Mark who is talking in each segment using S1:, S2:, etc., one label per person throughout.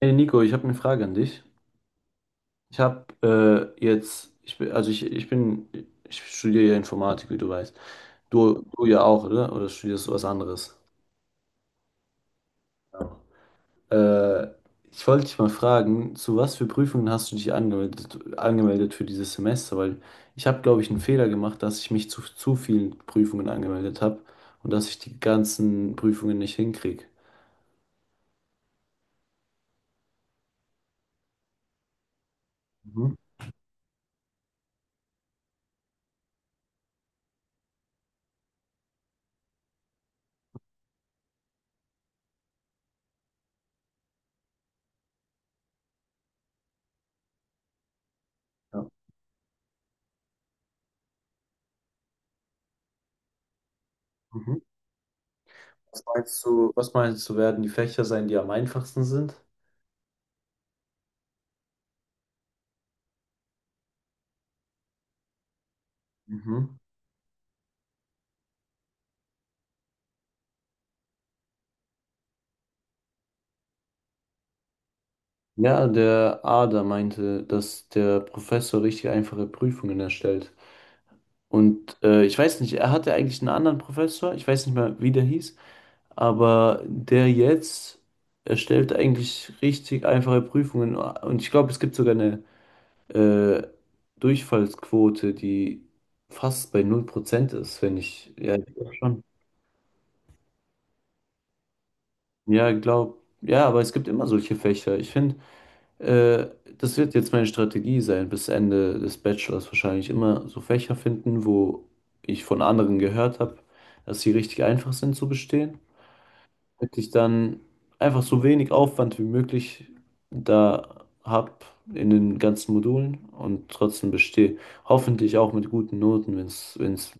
S1: Hey Nico, ich habe eine Frage an dich. Ich bin, also ich bin, ich studiere ja Informatik, wie du weißt. Du ja auch, oder? Oder studierst du was anderes? Ja. Äh, Ich wollte dich mal fragen, zu was für Prüfungen hast du dich angemeldet für dieses Semester? Weil ich habe, glaube ich, einen Fehler gemacht, dass ich mich zu vielen Prüfungen angemeldet habe und dass ich die ganzen Prüfungen nicht hinkriege. Mhm. Ja. Mhm. Was meinst du, werden die Fächer sein, die am einfachsten sind? Mhm. Ja, der Ader meinte, dass der Professor richtig einfache Prüfungen erstellt. Und ich weiß nicht, er hatte eigentlich einen anderen Professor, ich weiß nicht mehr, wie der hieß, aber der jetzt erstellt eigentlich richtig einfache Prüfungen. Und ich glaube, es gibt sogar eine äh, Durchfallsquote, die fast bei 0% ist, wenn ich, ja, ich glaub schon. Ja, glaub, ja, aber es gibt immer solche Fächer. Ich finde, Äh, das wird jetzt meine Strategie sein, bis Ende des Bachelors wahrscheinlich immer so Fächer finden, wo ich von anderen gehört habe, dass sie richtig einfach sind zu bestehen, damit ich dann einfach so wenig Aufwand wie möglich da habe in den ganzen Modulen und trotzdem bestehe. Hoffentlich auch mit guten Noten, wenn es.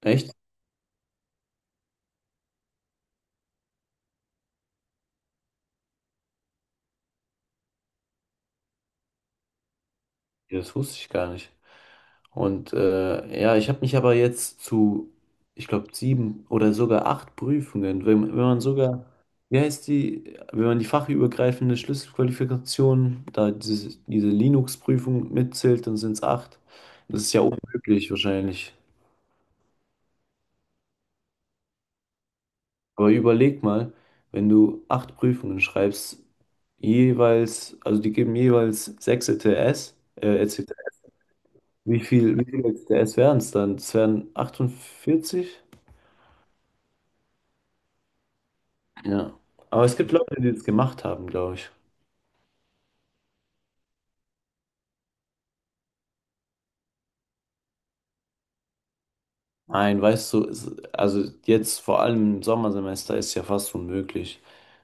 S1: Echt. Ja, das wusste ich gar nicht. Und ja, ich habe mich aber jetzt zu, ich glaube, sieben oder sogar acht Prüfungen, wenn man sogar, wie heißt die, wenn man die fachübergreifende Schlüsselqualifikation, da diese Linux-Prüfung mitzählt, dann sind es acht. Das ist ja unmöglich wahrscheinlich. Aber überleg mal, wenn du acht Prüfungen schreibst, jeweils, also die geben jeweils sechs E T S ECTS. Wie viel, es wären es dann? Es wären 48? Ja. Aber es gibt Leute, die es gemacht haben, glaube ich. Nein, weißt du, also jetzt vor allem im Sommersemester ist ja fast unmöglich,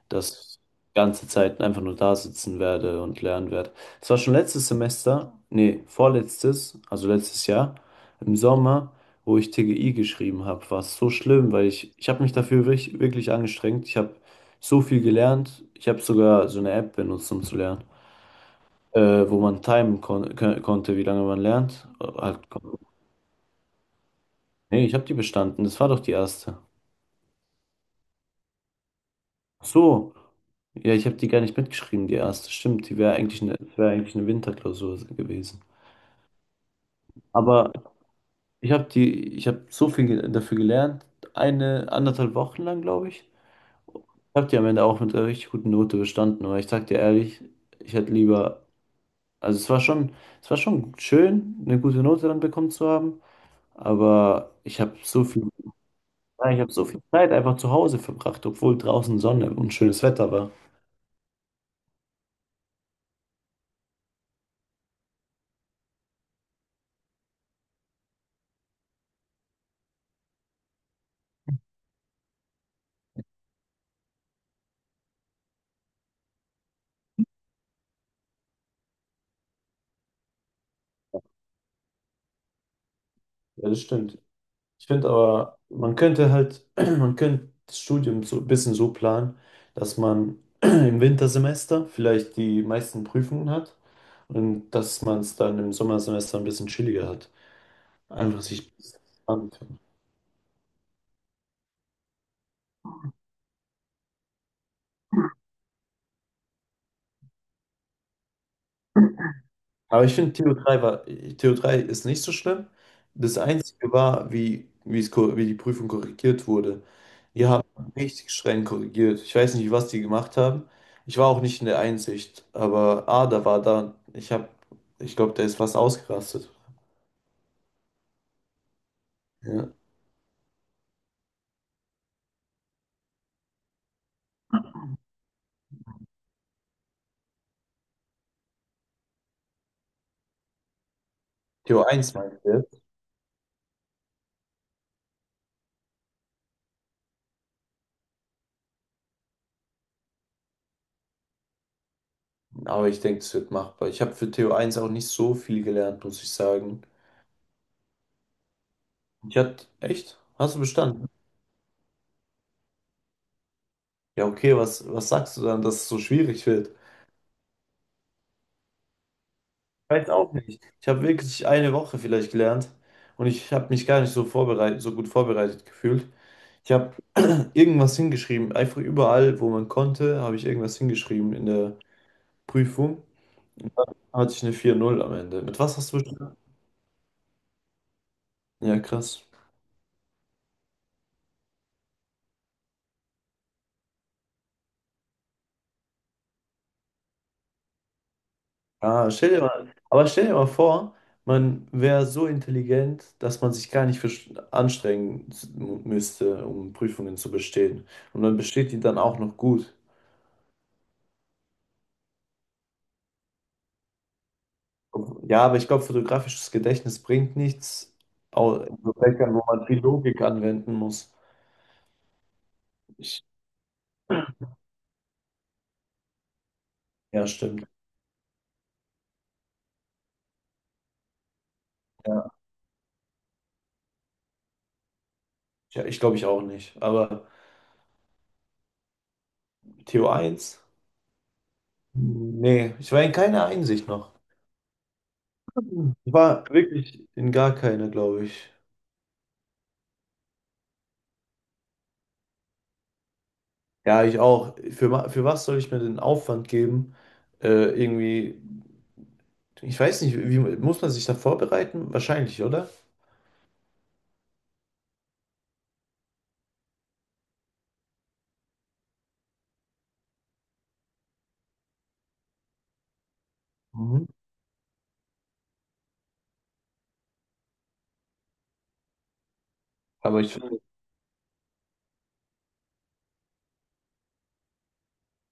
S1: dass ich ganze Zeit einfach nur da sitzen werde und lernen werde. Es war schon letztes Semester, nee, vorletztes, also letztes Jahr, im Sommer, wo ich TGI geschrieben habe, war es so schlimm, weil ich habe mich dafür wirklich, wirklich angestrengt. Ich habe so viel gelernt. Ich habe sogar so eine App benutzt, um zu lernen. Wo man timen konnte, wie lange man lernt. Halt, nee, ich habe die bestanden. Das war doch die erste. Ach so, ja, ich habe die gar nicht mitgeschrieben, die erste. Stimmt, die wäre eigentlich eine, wär eigentlich eine Winterklausur gewesen. Aber ich habe so viel dafür gelernt, eine anderthalb Wochen lang, glaube ich. Ich habe die am Ende auch mit einer richtig guten Note bestanden, aber ich sag dir ehrlich, ich hätte lieber, also es war schon schön, eine gute Note dann bekommen zu haben, aber ich habe so viel. Ja, ich habe so viel Zeit einfach zu Hause verbracht, obwohl draußen Sonne und schönes Wetter war. Ja, das stimmt. Ich finde aber, man könnte halt, man könnte das Studium so ein bisschen so planen, dass man im Wintersemester vielleicht die meisten Prüfungen hat und dass man es dann im Sommersemester ein bisschen chilliger hat. Einfach sich entspannen. Aber ich finde, Theo 3 war, Theo 3 ist nicht so schlimm. Das Einzige war, wie die Prüfung korrigiert wurde. Die haben richtig streng korrigiert. Ich weiß nicht, was die gemacht haben. Ich war auch nicht in der Einsicht, aber Ada war da. Ich glaube, der ist fast ausgerastet. Ja. Theo 1 meinte er. Aber ich denke, es wird machbar. Ich habe für Theo 1 auch nicht so viel gelernt, muss ich sagen. Echt? Hast du bestanden? Ja, okay, was sagst du dann, dass es so schwierig wird? Weiß auch nicht. Ich habe wirklich eine Woche vielleicht gelernt und ich habe mich gar nicht so gut vorbereitet gefühlt. Ich habe irgendwas hingeschrieben, einfach überall, wo man konnte, habe ich irgendwas hingeschrieben in der Prüfung. Hatte ich eine 4,0 am Ende. Mit was hast du bestanden? Ja, krass. Ah, stell dir mal, aber stell dir mal vor, man wäre so intelligent, dass man sich gar nicht anstrengen müsste, um Prüfungen zu bestehen. Und man besteht die dann auch noch gut. Ja, aber ich glaube, fotografisches Gedächtnis bringt nichts in so Fächern, wo man viel Logik anwenden muss. Ich, ja, stimmt. Ja, ja, ich glaube, ich auch nicht. Aber Theo 1? Nee, ich war in keiner Einsicht noch. Ich war wirklich in gar keiner, glaube ich. Ja, ich auch. Für was soll ich mir den Aufwand geben? Äh, irgendwie, ich weiß nicht, wie muss man sich da vorbereiten? Wahrscheinlich, oder? Mhm. Aber ich,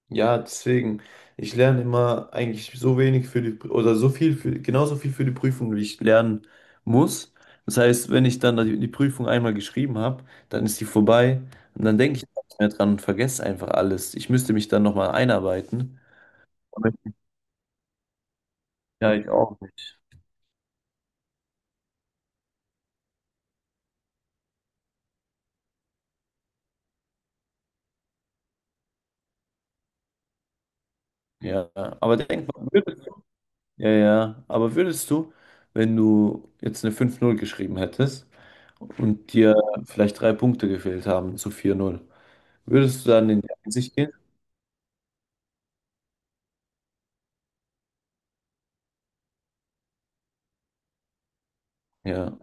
S1: Ja deswegen, ich lerne immer eigentlich so wenig für die, oder so viel für, genauso viel für die Prüfung, wie ich lernen muss. Das heißt, wenn ich dann die Prüfung einmal geschrieben habe, dann ist die vorbei und dann denke ich nicht mehr dran und vergesse einfach alles. Ich müsste mich dann nochmal einarbeiten. Aber ich- Ja, ich auch nicht. Ja, aber denk mal, ja, ja, aber würdest du, wenn du jetzt eine 5,0 geschrieben hättest und dir vielleicht 3 Punkte gefehlt haben zu 4,0, würdest du dann in die Einsicht gehen? Ja,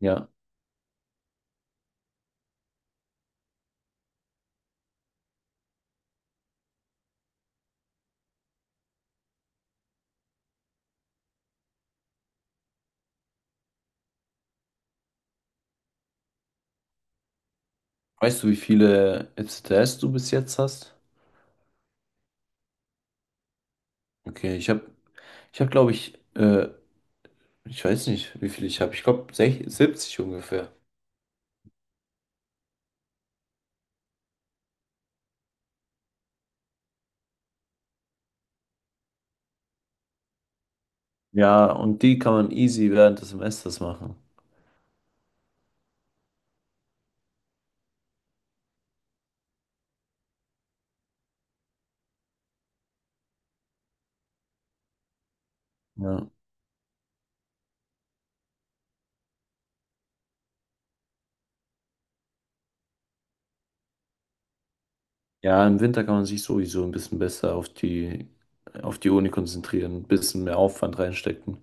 S1: ja. Weißt du, wie viele FCTS du bis jetzt hast? Okay, ich habe, glaube ich, ich weiß nicht, wie viele ich habe. Ich glaube, 70 ungefähr. Ja, und die kann man easy während des Semesters machen. Ja. Ja, im Winter kann man sich sowieso ein bisschen besser auf die Uni konzentrieren, ein bisschen mehr Aufwand reinstecken.